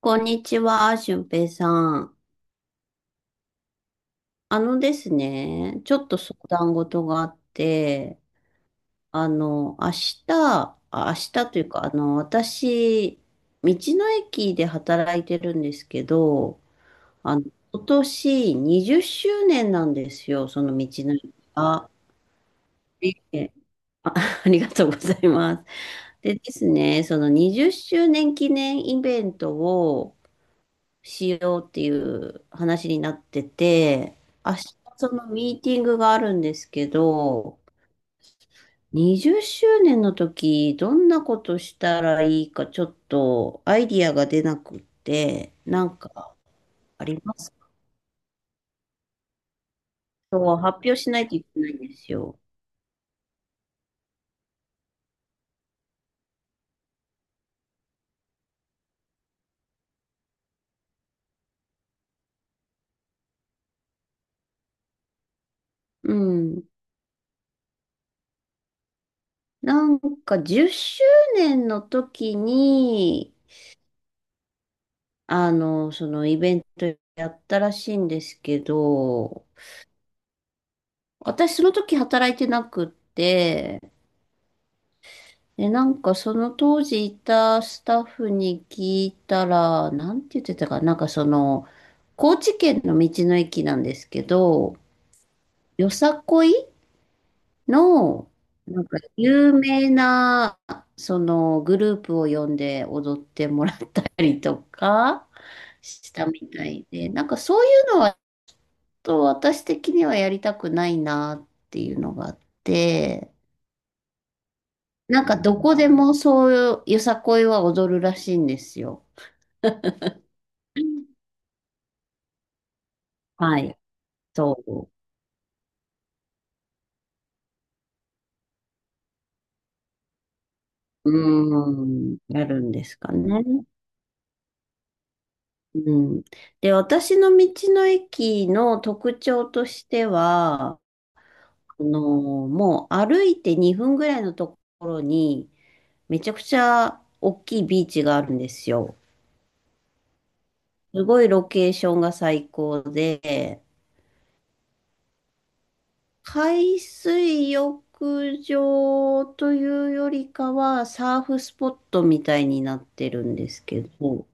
こんにちは、俊平さん。あのですね、ちょっと相談事があって、明日、明日というか、私、道の駅で働いてるんですけど、あの、今年20周年なんですよ、その道の駅が。え、あ、ありがとうございます。でですね、その20周年記念イベントを、しようっていう話になってて、明日そのミーティングがあるんですけど、20周年の時、どんなことしたらいいかちょっとアイディアが出なくって、なんかありますか？そう、発表しないといけないんですよ。うん。なんか10周年の時に、そのイベントやったらしいんですけど、私その時働いてなくって、で、なんかその当時いたスタッフに聞いたら、なんて言ってたかな、なんか高知県の道の駅なんですけど、よさこいの、なんか有名な、そのグループを呼んで踊ってもらったりとかしたみたいで、なんかそういうのは、ちょっと私的にはやりたくないなっていうのがあって、なんかどこでもそういうよさこいは踊るらしいんですよ。はい。そう、やるんですかね？うん。で、私の道の駅の特徴としては、あの、もう歩いて2分ぐらいのところに、めちゃくちゃ大きいビーチがあるんですよ。すごいロケーションが最高で、海水浴場というよりかは、サーフスポットみたいになってるんですけど、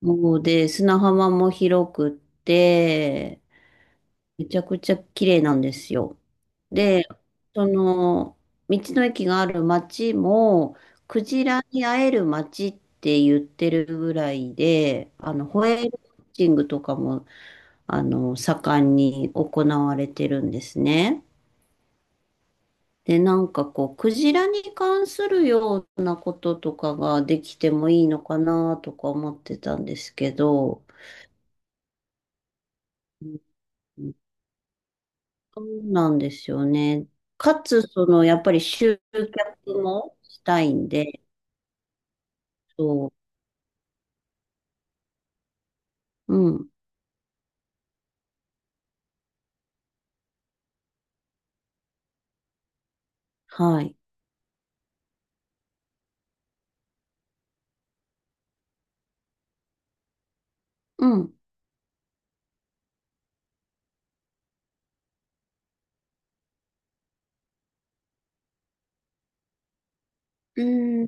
もうで、砂浜も広くって、めちゃくちゃ綺麗なんですよ。で、その、道の駅がある町も、クジラに会える町って言ってるぐらいで、ホエールウォッチングとかも、盛んに行われてるんですね。で、なんかこう、クジラに関するようなこととかができてもいいのかなとか思ってたんですけど、そうなんですよね。かつ、やっぱり集客もしたいんで、そう、うん、はい、うん。うん。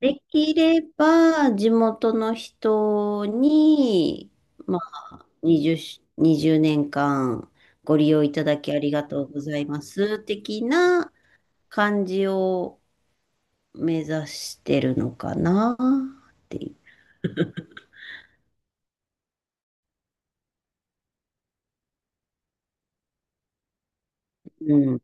できれば、地元の人に、まあ、20年間ご利用いただきありがとうございます、的な感じを目指してるのかな、っていう。うん、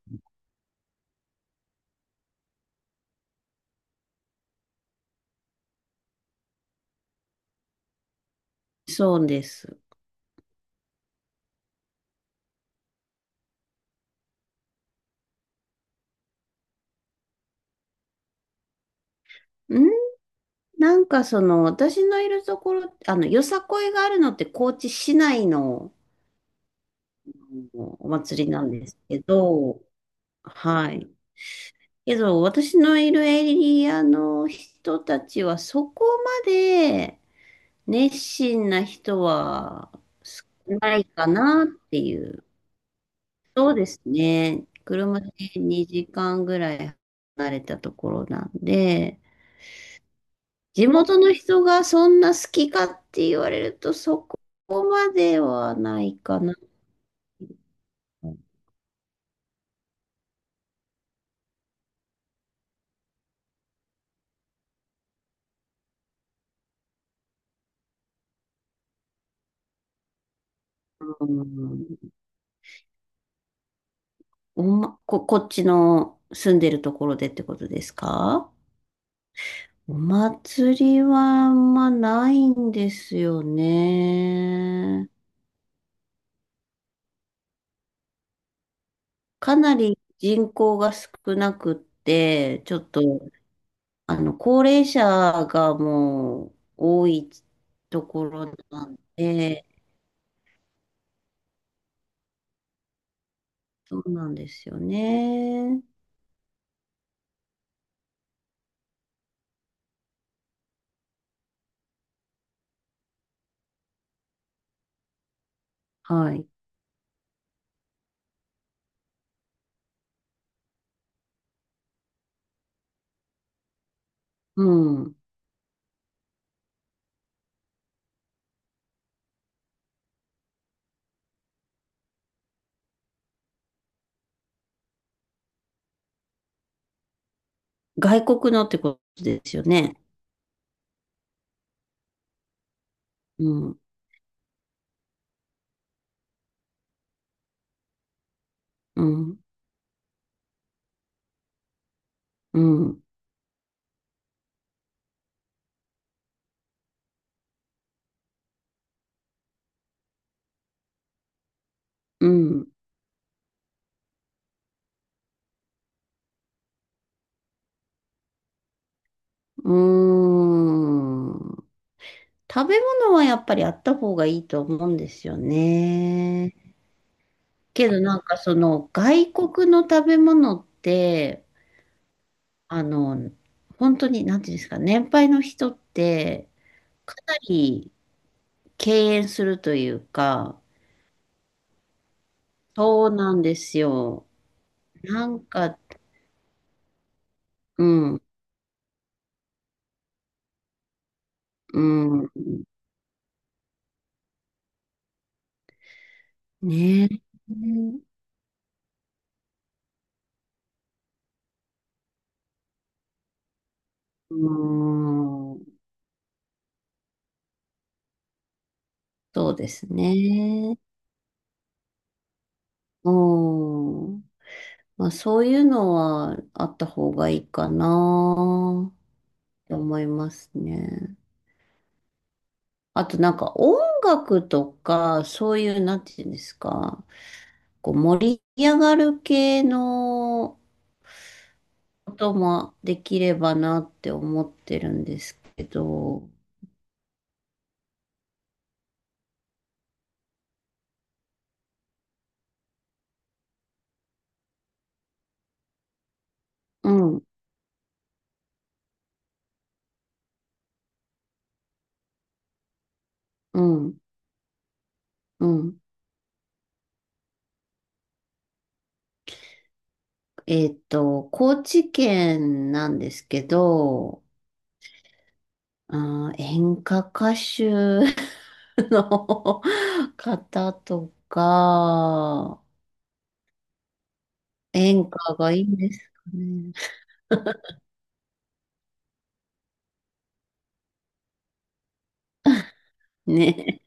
そうです。うん。なんか私のいるところ、あの、よさこいがあるのって高知市内のあのお祭りなんですけど、はい。けど、私のいるエリアの人たちはそこまで熱心な人は少ないかなっていう。そうですね。車で2時間ぐらい離れたところなんで、地元の人がそんな好きかって言われると、そこまではないかな。うん、おま、こ、こっちの住んでるところでってことですか？お祭りはあんまないんですよね。かなり人口が少なくって、ちょっと、高齢者がもう多いところなんで、そうなんですよね。はい。うん。外国のってことですよね。うん、うん、うん、うん。うーん。食べ物はやっぱりあった方がいいと思うんですよね。けどなんかその外国の食べ物って、あの、本当になんていうんですかね、年配の人ってかなり敬遠するというか、そうなんですよ。なんか、うん、うん、ねえ。うーん、そうですね。うん。まあ、そういうのはあった方がいいかなって思いますね。あとなんか音楽とか、そういう、なんていうんですか、こう盛り上がる系のこともできればなって思ってるんですけど、うん、うん、うん。高知県なんですけど、演歌歌手 の方とか、演歌がいいんですかね？ね。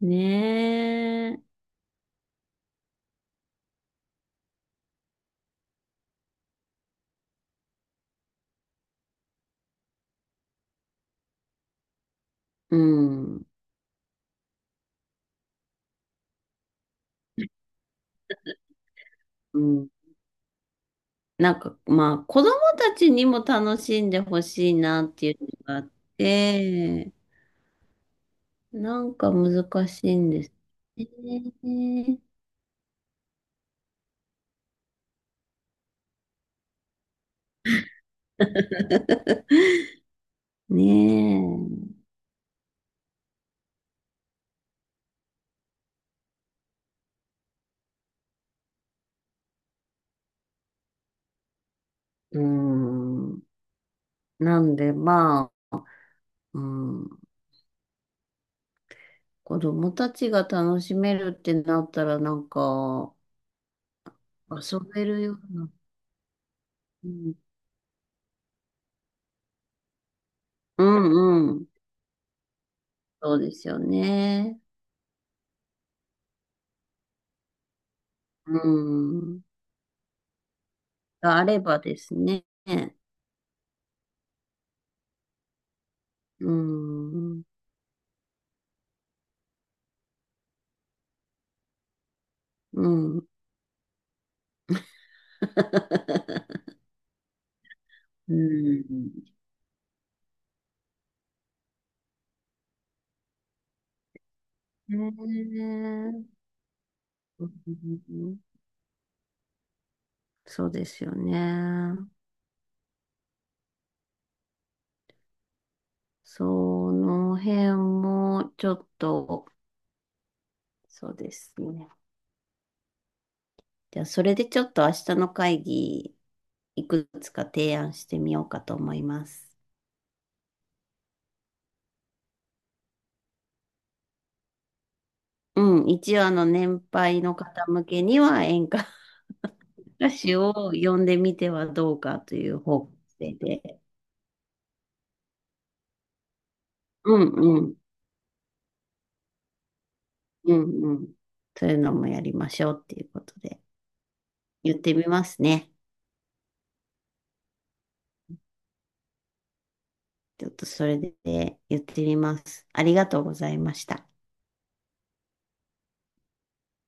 ねえ。うん。うん。なんか、まあ、子供たちにも楽しんでほしいなっていうのがあって、なんか難しいんですね。ねえ。うん。なんで、まあ、うん。子供たちが楽しめるってなったら、なんか、遊べるような。うん、うんうん。そうですよね。うん。があればですね。うん。うん。うん。ねえ。うん。そうですよね。その辺も、ちょっと、そうですね。じゃあ、それでちょっと明日の会議、いくつか提案してみようかと思います。うん、一応年配の方向けには演歌歌手を呼んでみてはどうかという方向性で、うんうん、うんうん、そういうのもやりましょうっていうことで言ってみますね。ちょっとそれで言ってみます。ありがとうございました。